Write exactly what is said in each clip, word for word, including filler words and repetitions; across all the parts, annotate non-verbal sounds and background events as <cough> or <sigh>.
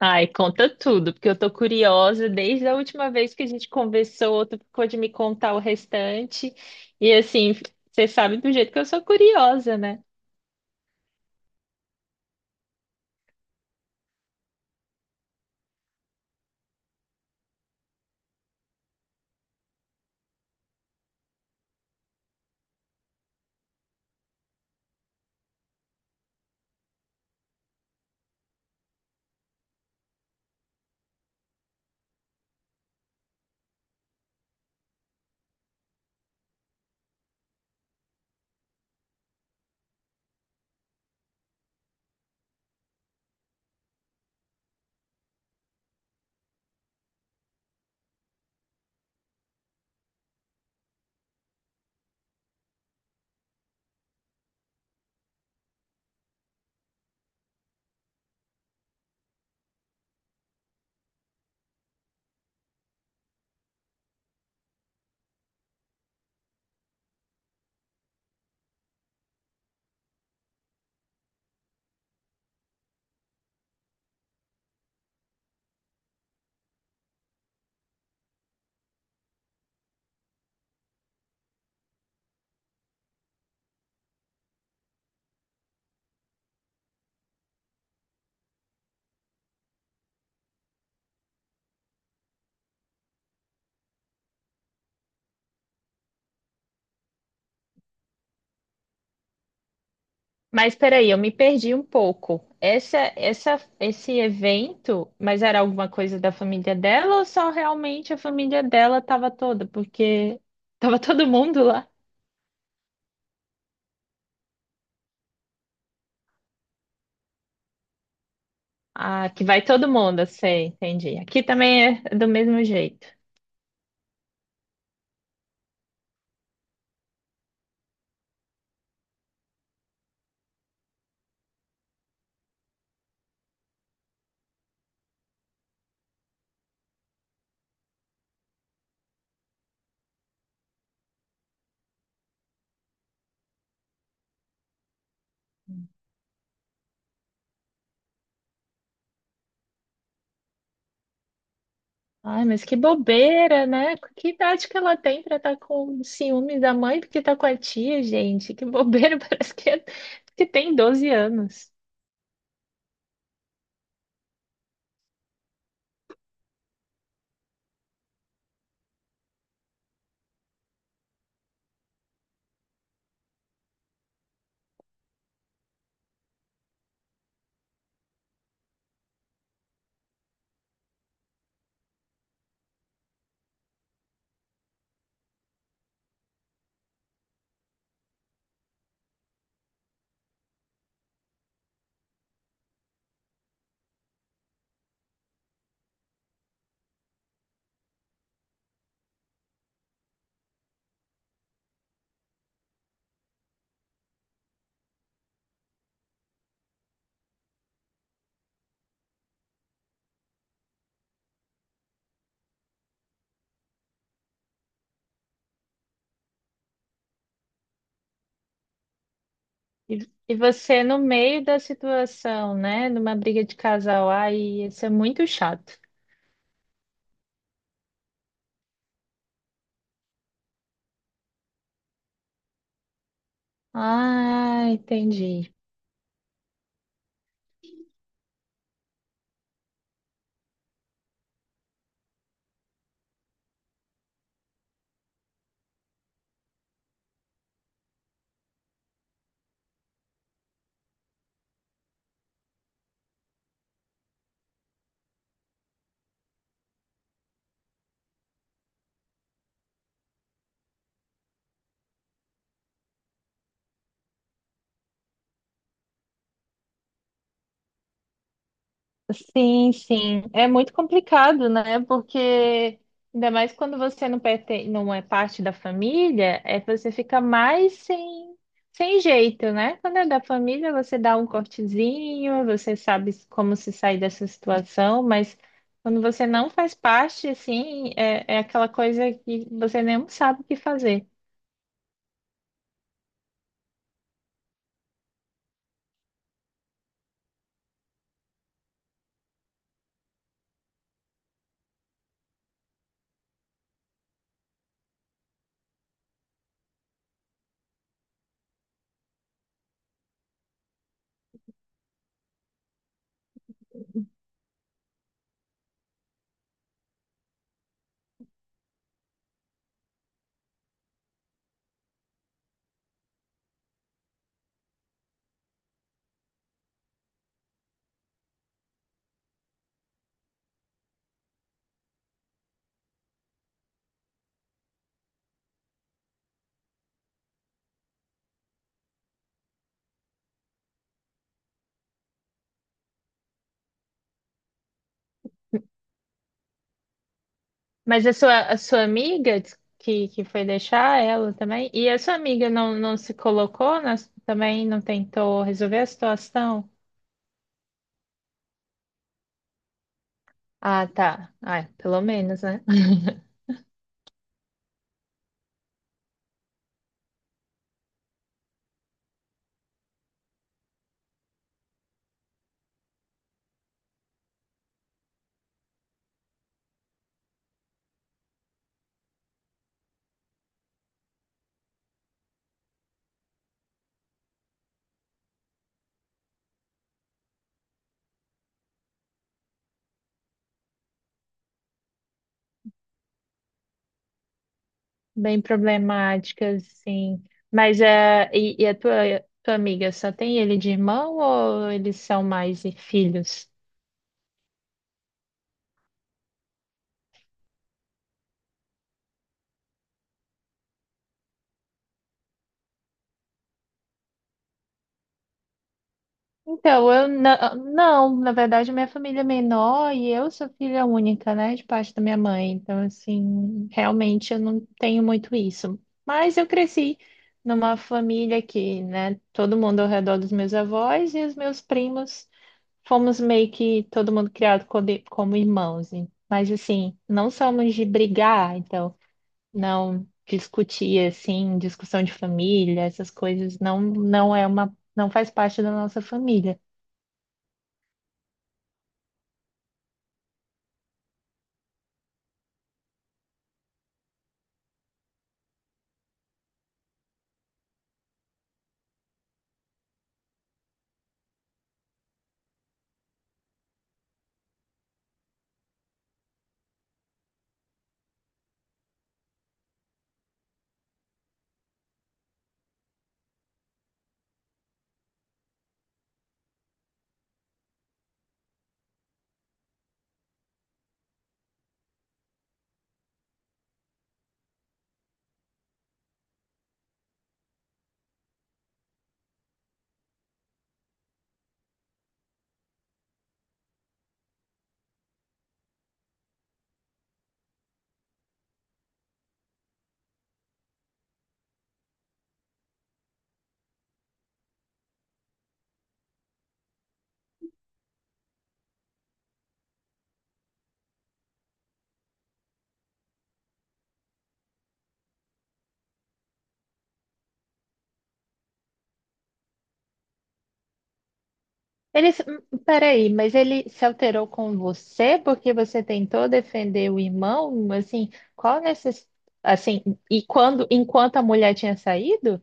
Ai, conta tudo, porque eu tô curiosa desde a última vez que a gente conversou, tu ficou de me contar o restante. E assim, você sabe do jeito que eu sou curiosa, né? Mas peraí, eu me perdi um pouco. Essa, essa, esse evento, mas era alguma coisa da família dela ou só realmente a família dela tava toda? Porque <laughs> tava todo mundo lá. Ah, que vai todo mundo, sei, entendi. Aqui também é do mesmo jeito. Ai, mas que bobeira, né? Que idade que ela tem pra estar com ciúme da mãe porque tá com a tia, gente? Que bobeira, <laughs> parece que, é- que tem doze anos. E, e você no meio da situação, né? Numa briga de casal, ai, isso é muito chato. Ah, entendi. Sim, sim. É muito complicado, né? Porque ainda mais quando você não pertence, não é parte da família, é você fica mais sem, sem jeito, né? Quando é da família, você dá um cortezinho, você sabe como se sair dessa situação, mas quando você não faz parte, assim, é, é aquela coisa que você nem sabe o que fazer. Mas a sua, a sua amiga diz que, que foi deixar ela também? E a sua amiga não, não se colocou na- também? Não tentou resolver a situação? Ah, tá. Ah, pelo menos, né? <laughs> Bem problemática, sim. Mas é, e, e a tua, tua amiga só tem ele de irmão ou eles são mais filhos? Então, eu na- não, na verdade, minha família é menor e eu sou filha única, né, de parte da minha mãe. Então, assim, realmente eu não tenho muito isso. Mas eu cresci numa família que, né, todo mundo ao redor dos meus avós e os meus primos fomos meio que todo mundo criado co- de- como irmãos. e- Mas, assim, não somos de brigar, então, não discutir, assim, discussão de família, essas coisas, não, não é uma, não faz parte da nossa família. Ele, se- hum, peraí, mas ele se alterou com você porque você tentou defender o irmão? Assim, qual necess... assim, e quando, enquanto a mulher tinha saído?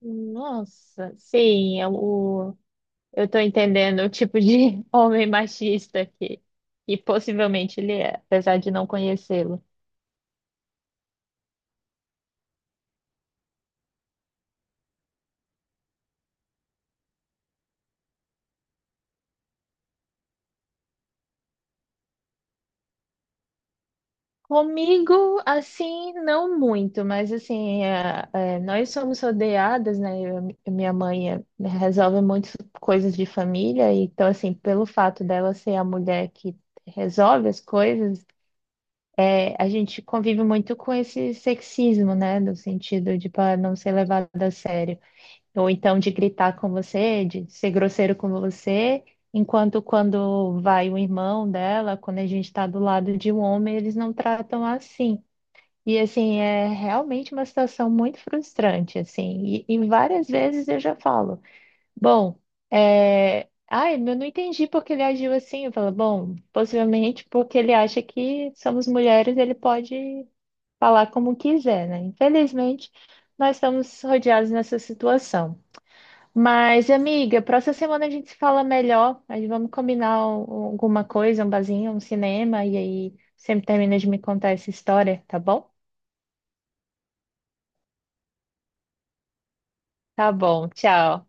Nossa, sim, é o, eu tô entendendo o tipo de <laughs> homem machista que, que possivelmente ele é, apesar de não conhecê-lo. Comigo, assim, não muito, mas assim, é- é, nós somos rodeadas, né? Eu- minha mãe é- resolve muitas coisas de família, então, assim, pelo fato dela ser a mulher que resolve as coisas, é, a gente convive muito com esse sexismo, né? No sentido de para não ser levado a sério, ou então de gritar com você, de ser grosseiro com você. Enquanto quando vai o irmão dela, quando a gente está do lado de um homem, eles não tratam assim. E assim, é realmente uma situação muito frustrante, assim, e, e várias vezes eu já falo, bom, é... ai, eu não entendi porque ele agiu assim, eu falo, bom, possivelmente porque ele acha que somos mulheres, ele pode falar como quiser, né? Infelizmente, nós estamos rodeados nessa situação. Mas, amiga, próxima semana a gente se fala melhor, aí vamos combinar um- alguma coisa, um barzinho, um cinema, e aí sempre termina de me contar essa história, tá bom? Tá bom, tchau.